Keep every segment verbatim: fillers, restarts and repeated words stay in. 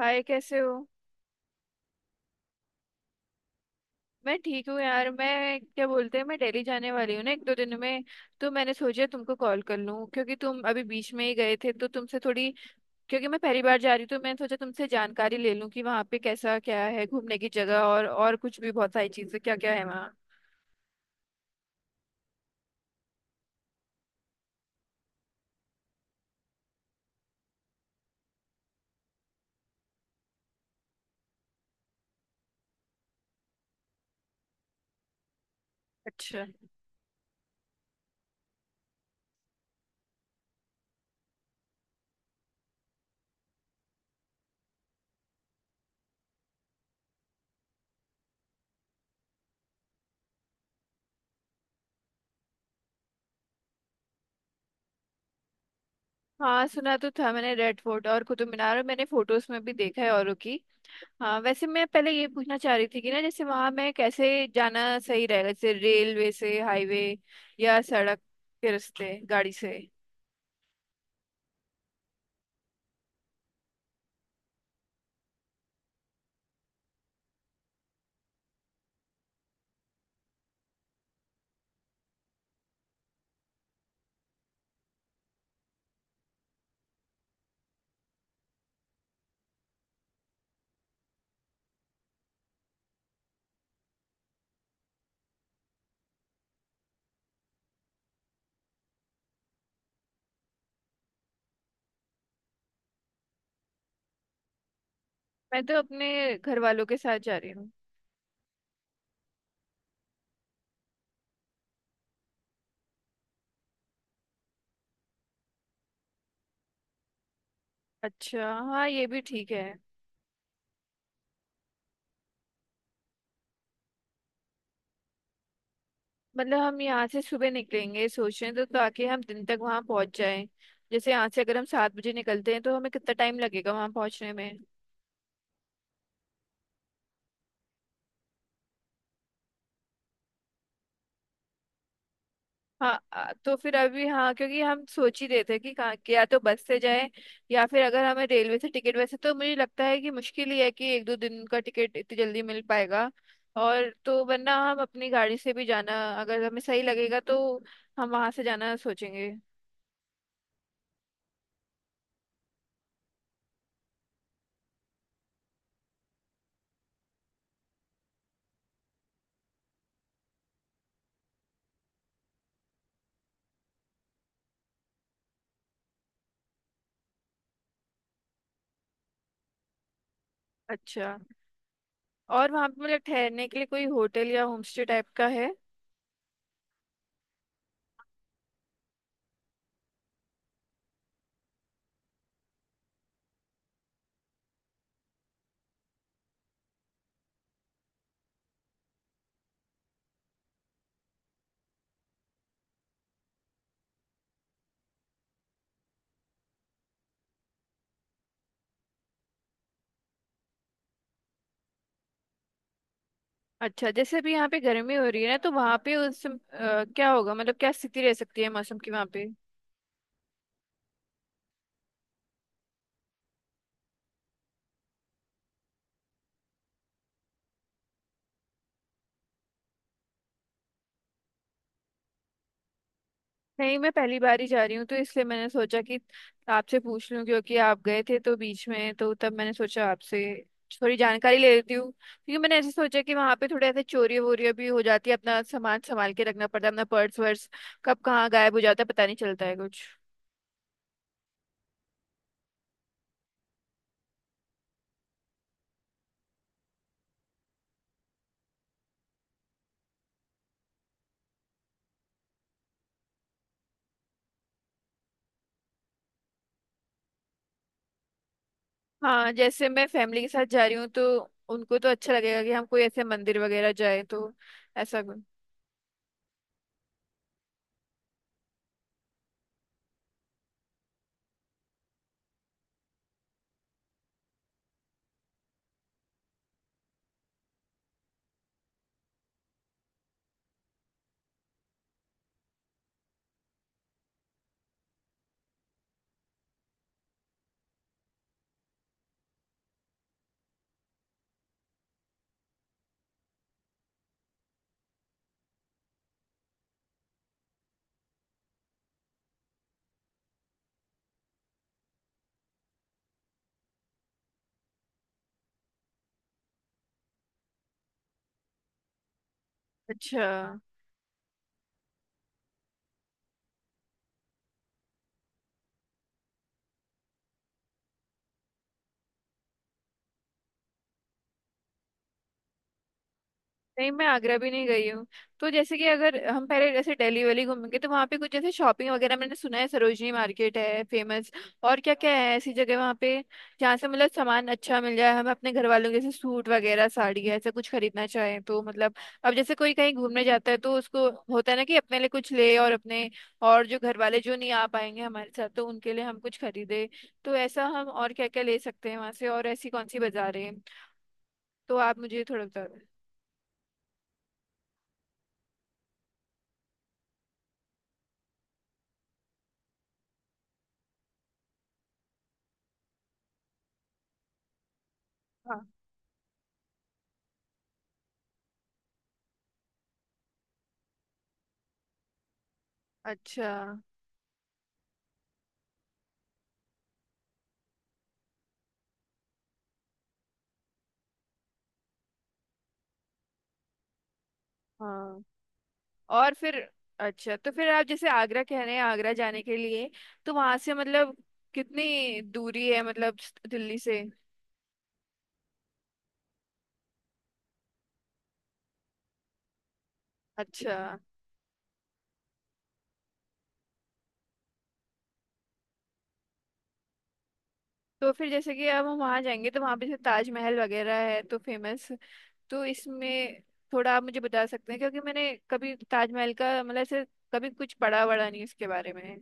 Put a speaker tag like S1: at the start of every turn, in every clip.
S1: हाय, कैसे हो? मैं ठीक हूँ यार। मैं क्या बोलते हैं, मैं दिल्ली जाने वाली हूँ ना, एक दो दिन में। तो मैंने सोचा तुमको कॉल कर लूँ, क्योंकि तुम अभी बीच में ही गए थे तो तुमसे थोड़ी। क्योंकि मैं पहली बार जा रही हूँ तो मैंने सोचा तुमसे जानकारी ले लूँ कि वहाँ पे कैसा क्या है, घूमने की जगह और और कुछ भी, बहुत सारी चीज़ें क्या क्या है वहाँ। अच्छा। हाँ, सुना तो था मैंने रेड फोर्ट और कुतुब मीनार, और मैंने फोटोज में भी देखा है औरों की। हाँ, वैसे मैं पहले ये पूछना चाह रही थी कि ना, जैसे वहां मैं कैसे जाना सही रहेगा, जैसे रेलवे से, हाईवे या सड़क के रास्ते गाड़ी से। मैं तो अपने घर वालों के साथ जा रही हूँ। अच्छा, हाँ, ये भी ठीक है। मतलब हम यहाँ से सुबह निकलेंगे सोच रहे हैं, तो ताकि हम दिन तक वहाँ पहुँच जाएं। जैसे यहाँ से अगर हम सात बजे निकलते हैं तो हमें कितना टाइम लगेगा वहाँ पहुँचने में? हाँ आ, तो फिर अभी हाँ, क्योंकि हम सोच ही रहे थे कि कहाँ कि या तो बस से जाए, या फिर अगर हमें रेलवे से टिकट, वैसे तो मुझे लगता है कि मुश्किल ही है कि एक दो दिन का टिकट इतनी जल्दी मिल पाएगा। और तो वरना हम अपनी गाड़ी से भी जाना, अगर हमें सही लगेगा तो हम वहां से जाना सोचेंगे। अच्छा। और वहां पे मतलब ठहरने के लिए कोई होटल या होमस्टे टाइप का है? अच्छा, जैसे अभी यहाँ पे गर्मी हो रही है ना, तो वहां पे उस सम- अ, क्या होगा, मतलब क्या स्थिति रह सकती है मौसम की वहां पे? नहीं, मैं पहली बार ही जा रही हूँ, तो इसलिए मैंने सोचा कि आपसे पूछ लूँ, क्योंकि आप गए थे तो बीच में, तो तब मैंने सोचा आपसे थोड़ी जानकारी ले लेती हूँ। क्योंकि मैंने ऐसे सोचा कि वहाँ पे थोड़े ऐसे चोरी वोरियाँ भी हो जाती है, अपना सामान संभाल के रखना पड़ता है, अपना पर्स वर्स कब कहाँ गायब हो जाता है पता नहीं चलता है कुछ। हाँ, जैसे मैं फैमिली के साथ जा रही हूँ तो उनको तो अच्छा लगेगा कि हम कोई ऐसे मंदिर वगैरह जाए, तो ऐसा कुछ। अच्छा। नहीं, मैं आगरा भी नहीं गई हूँ। तो जैसे कि अगर हम पहले जैसे दिल्ली वैली घूमेंगे तो वहाँ पे कुछ, जैसे शॉपिंग वगैरह, मैंने सुना है सरोजनी मार्केट है फेमस। और क्या क्या है ऐसी जगह वहाँ पे, जहाँ से मतलब सामान अच्छा मिल जाए हमें, अपने घर वालों के जैसे सूट वगैरह, साड़ी, ऐसा कुछ खरीदना चाहें तो। मतलब अब जैसे कोई कहीं घूमने जाता है तो उसको होता है ना कि अपने लिए कुछ ले और अपने, और जो घर वाले जो नहीं आ पाएंगे हमारे साथ तो उनके लिए हम कुछ खरीदे। तो ऐसा हम और क्या क्या ले सकते हैं वहाँ से, और ऐसी कौन सी बाजारें हैं? तो आप मुझे थोड़ा बता दें। हाँ। अच्छा। हाँ। और फिर, अच्छा, तो फिर आप जैसे आगरा कह रहे हैं, आगरा जाने के लिए तो वहां से मतलब कितनी दूरी है, मतलब दिल्ली से? अच्छा। तो फिर जैसे कि अब हम वहां जाएंगे तो वहां पे जैसे ताजमहल वगैरह है तो फेमस, तो इसमें थोड़ा आप मुझे बता सकते हैं? क्योंकि मैंने कभी ताजमहल का मतलब ऐसे कभी कुछ पढ़ा वढ़ा नहीं उसके बारे में।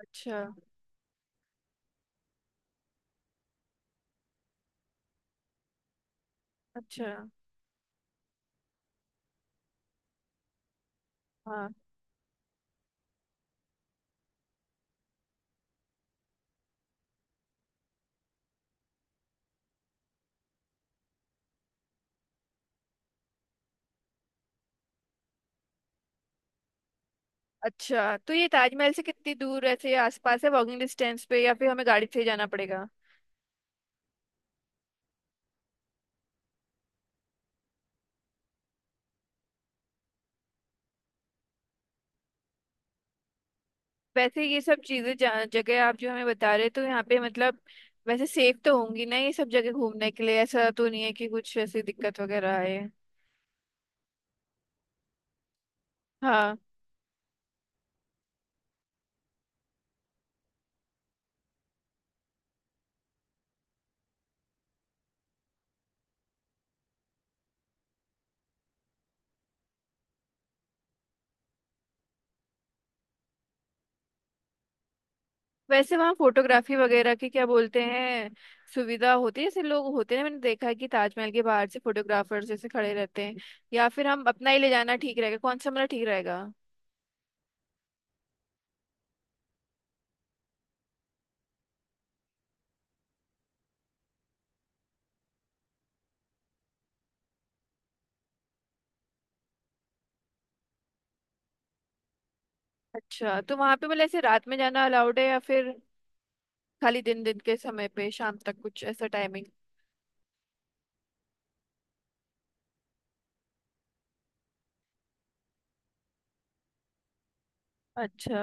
S1: अच्छा। अच्छा। हाँ। अच्छा, तो ये ताजमहल से कितनी दूर ऐसे आसपास है, वॉकिंग डिस्टेंस पे, या फिर हमें गाड़ी से ही जाना पड़ेगा? वैसे ये सब चीजें जहाँ- जगह आप जो हमें बता रहे, तो यहाँ पे मतलब वैसे सेफ तो होंगी ना ये सब जगह घूमने के लिए? ऐसा तो नहीं है कि कुछ ऐसी दिक्कत वगैरह आए? हाँ। वैसे वहाँ फोटोग्राफी वगैरह की क्या बोलते हैं, सुविधा होती है, जैसे लोग होते हैं, मैंने देखा है कि ताजमहल के बाहर से फोटोग्राफर्स जैसे खड़े रहते हैं? या फिर हम अपना ही ले जाना ठीक रहेगा, कौन सा हमारा ठीक रहेगा? अच्छा, तो वहाँ पे मतलब ऐसे रात में जाना अलाउड है, या फिर खाली दिन दिन के समय पे शाम तक, कुछ ऐसा टाइमिंग? अच्छा।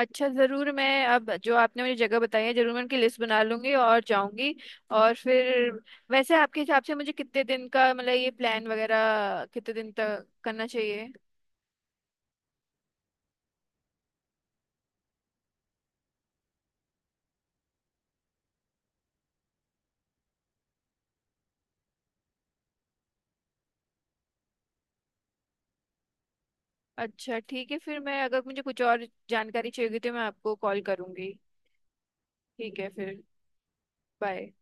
S1: अच्छा, जरूर, मैं अब जो आपने मुझे जगह बताई है जरूर मैं उनकी लिस्ट बना लूंगी और जाऊंगी। और फिर वैसे आपके हिसाब से मुझे कितने दिन का मतलब ये प्लान वगैरह कितने दिन तक करना चाहिए? अच्छा, ठीक है फिर। मैं अगर मुझे कुछ और जानकारी चाहिए होगी तो मैं आपको कॉल करूंगी। ठीक है फिर। बाय।